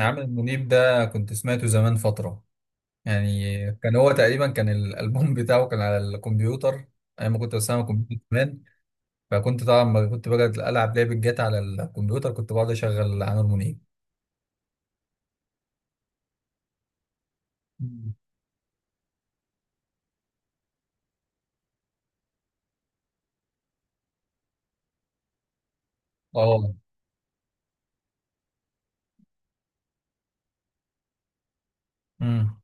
عامر منيب ده كنت سمعته زمان فترة. يعني كان هو تقريبا كان الألبوم بتاعه كان على الكمبيوتر، أيام ما كنت بستعمل كمبيوتر زمان. فكنت طبعا لما كنت بقعد ألعب لعبة جات على الكمبيوتر، كنت بقعد أشغل عامر منيب. مم. اه. امم.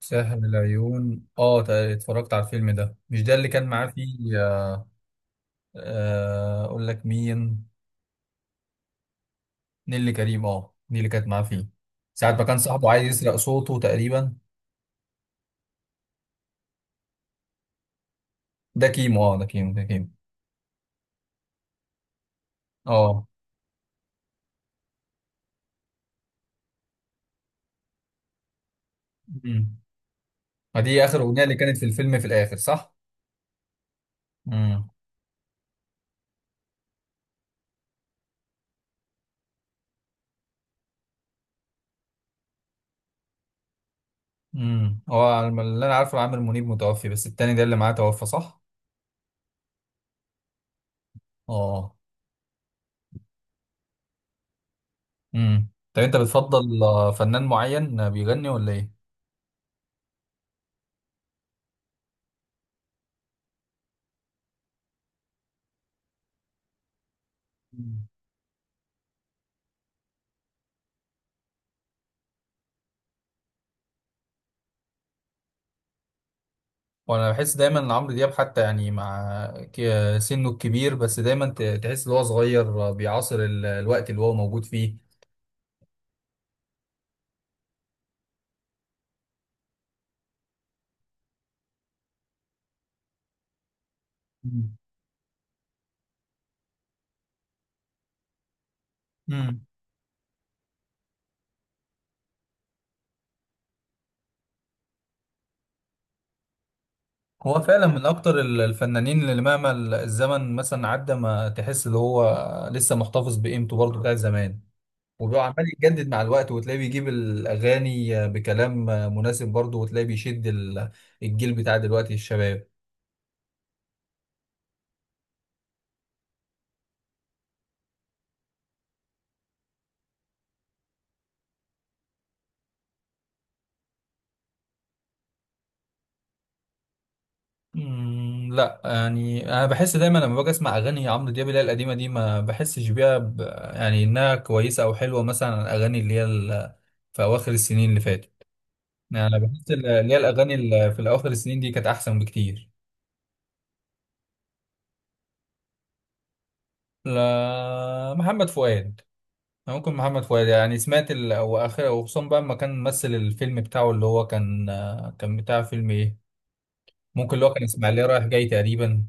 ساحر العيون، اه، اتفرجت على الفيلم ده، مش ده اللي كان معاه فيه؟ أقول لك مين؟ نيللي كريم، اه، دي اللي كانت معاه فيه، ساعة ما كان صاحبه عايز يسرق صوته تقريبا. ده كيمو، اه، ده كيمو، ده كيمو. اه. امم. فدي اخر اغنيه اللي كانت في الفيلم في الاخر، صح؟ امم. امم. هو على اللي انا عارفه عامر منيب متوفي، بس التاني ده اللي معاه توفى، صح؟ اه. امم. طب انت بتفضل فنان معين بيغني ولا ايه؟ مم. وانا بحس دايما ان عمرو دياب، حتى يعني مع سنه الكبير، بس دايما تحس ان هو صغير. بيعاصر الوقت اللي هو موجود فيه. مم. امم. هو فعلا من اكتر الفنانين اللي مهما الزمن مثلا عدى، ما تحس ان هو لسه محتفظ بقيمته برضه بتاعت زمان، وعمال يتجدد مع الوقت، وتلاقيه بيجيب الأغاني بكلام مناسب برضه، وتلاقيه بيشد الجيل بتاع دلوقتي، الشباب. مم، لا يعني أنا بحس دايما لما باجي أسمع أغاني عمرو دياب اللي هي القديمة دي، ما بحسش بيها يعني إنها كويسة أو حلوة، مثلا عن الأغاني اللي هي في أواخر السنين اللي فاتت. يعني أنا بحس اللي هي الأغاني اللي في أواخر السنين دي كانت أحسن بكتير. لا، محمد فؤاد. ممكن محمد فؤاد، يعني سمعت هو اخر، وخصوصا بقى لما كان ممثل الفيلم بتاعه، اللي هو كان، كان بتاع فيلم ايه، ممكن اللي هو كان اسماعيلية رايح جاي تقريبا.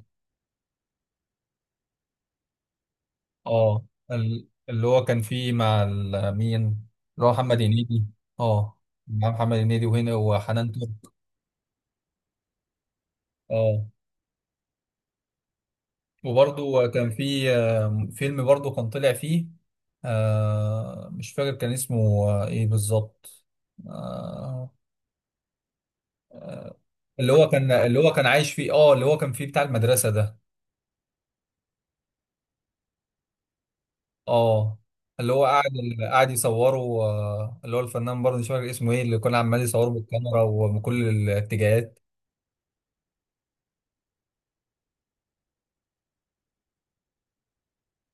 اه، اللي هو كان فيه مع مين، اللي هو محمد هنيدي؟ اه، مع محمد هنيدي وهنا وحنان ترك. اه، وبرضه كان فيه، فيلم برضه كان طلع فيه. مش فاكر كان اسمه ايه بالظبط. آه اللي هو كان عايش فيه، اه، اللي هو كان فيه بتاع المدرسة ده، اه، اللي هو قاعد يصوره. اللي هو الفنان برضه مش فاكر اسمه ايه، اللي كان عمال يصوره بالكاميرا ومن كل الاتجاهات.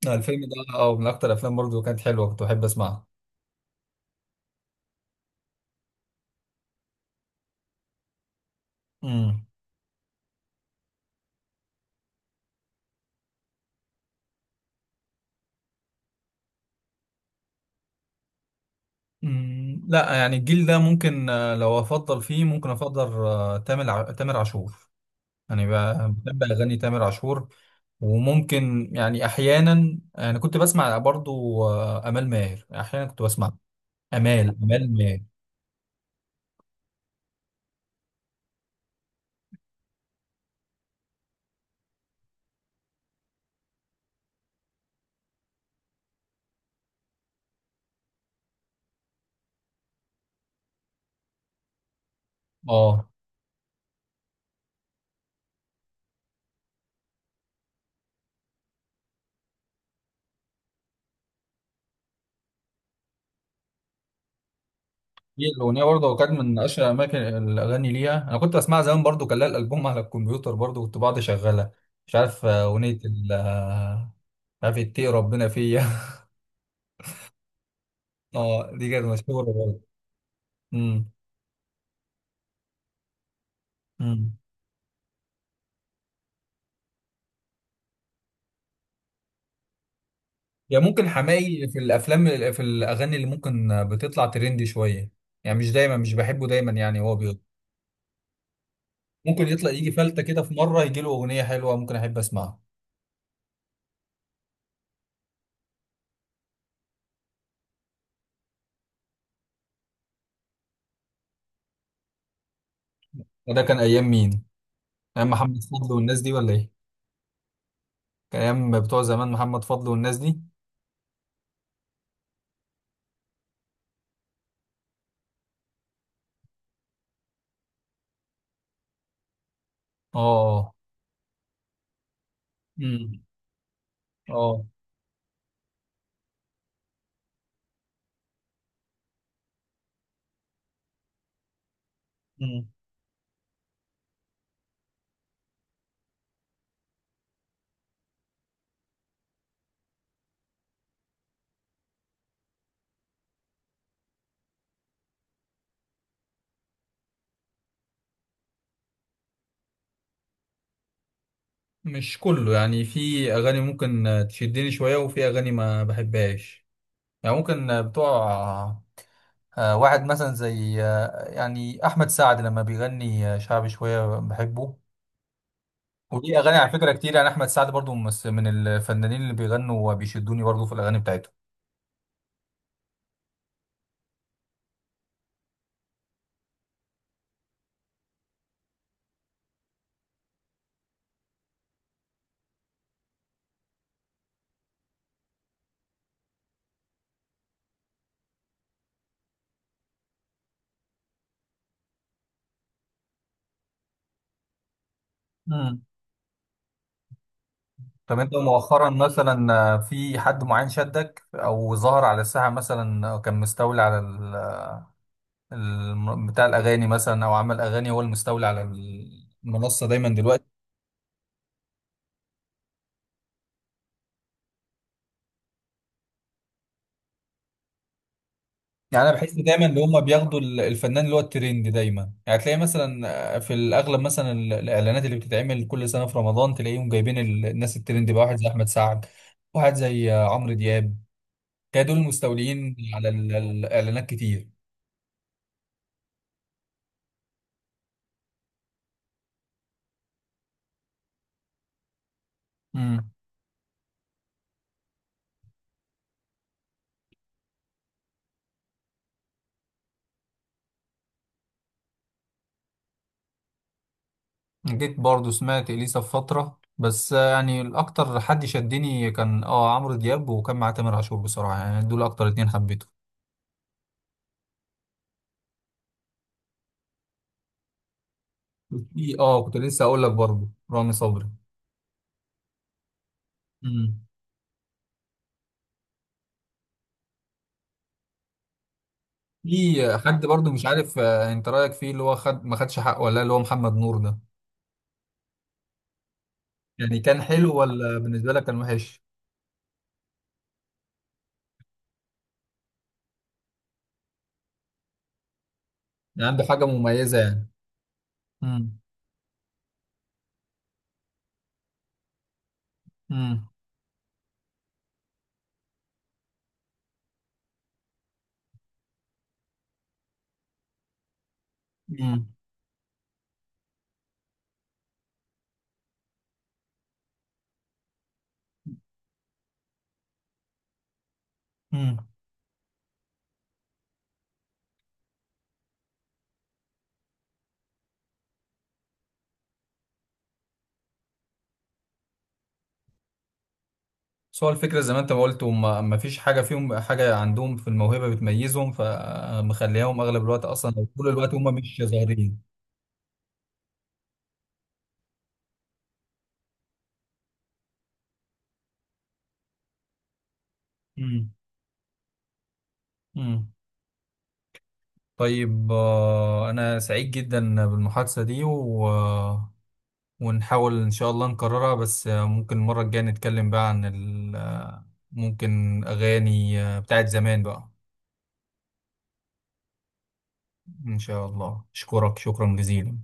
الفيلم ده، اه، من اكتر الافلام برضه كانت حلوه، كنت بحب اسمعها. امم. لا يعني الجيل ده ممكن، لو افضل فيه ممكن افضل، تامر تامر عاشور. يعني بحب اغاني تامر عاشور. وممكن يعني احيانا، يعني كنت بسمع برضو امال ماهر، احيانا كنت بسمع امال ماهر. اه، دي الأغنية برضه هو كانت من أشهر أماكن الأغاني ليها، أنا كنت بسمعها زمان برضه، كان لها الألبوم على الكمبيوتر برضه، كنت بقعد أشغلها. مش عارف أغنية ال آه، مش عارف إيه، ربنا فيا أه، دي كانت مشهورة برضه. أمم. أمم. يا ممكن حماقي في الأفلام، في الأغاني اللي ممكن بتطلع ترندي شوية، يعني مش دايما، مش بحبه دايما، يعني هو بيض. ممكن يطلع يجي فلتة كده، في مرة يجي له أغنية حلوة ممكن أحب أسمعها. وده كان أيام مين؟ أيام محمد فضل والناس دي ولا إيه؟ كان أيام بتوع زمان محمد فضل والناس دي؟ اه. آه. امم. اه. امم. مش كله، يعني في اغاني ممكن تشدني شويه، وفي اغاني ما بحبهاش. يعني ممكن بتوع واحد مثلا زي، يعني احمد سعد لما بيغني شعبي شويه بحبه. وليه اغاني على فكره كتير، يعني احمد سعد برضو من الفنانين اللي بيغنوا وبيشدوني برضو في الاغاني بتاعتهم. امم. طب انت مؤخرا مثلا في حد معين شدك او ظهر على الساحه مثلا، أو كان مستولي على بتاع الاغاني مثلا، او عمل اغاني هو المستولي على المنصه دايما دلوقتي؟ يعني انا بحس دايما ان هم بياخدوا الفنان اللي هو الترند دايما، يعني تلاقي مثلا في الاغلب مثلا الاعلانات اللي بتتعمل كل سنه في رمضان، تلاقيهم جايبين الناس الترند بقى، واحد زي احمد سعد، واحد زي عمرو دياب، تلاقي دول المستولين على الاعلانات كتير. امم. جيت برضو سمعت اليسا في فتره، بس يعني الاكتر حد شدني كان اه عمرو دياب، وكان مع تامر عاشور بصراحه، يعني دول اكتر اتنين حبيتهم، في اه كنت لسه اقول لك برضه رامي صبري. امم. في حد برضه، مش عارف انت رايك فيه، اللي هو خد ما خدش حقه ولا لا، اللي هو محمد نور ده. يعني كان حلو ولا بالنسبه لك كان وحش؟ يعني عنده حاجه مميزه يعني؟ امم. امم. امم. امم. بس هو الفكره، زي ما انت ما قلت، وما ما فيش حاجه فيهم، حاجه عندهم في الموهبه بتميزهم، فمخليهم اغلب الوقت اصلا او طول الوقت هم مش ظاهرين. امم. امم. طيب، انا سعيد جدا بالمحادثه دي، ونحاول إن شاء الله نكررها، بس ممكن المرة الجاية نتكلم بقى عن ال آه، ممكن أغاني بتاعت زمان بقى. إن شاء الله، أشكرك شكرا جزيلا.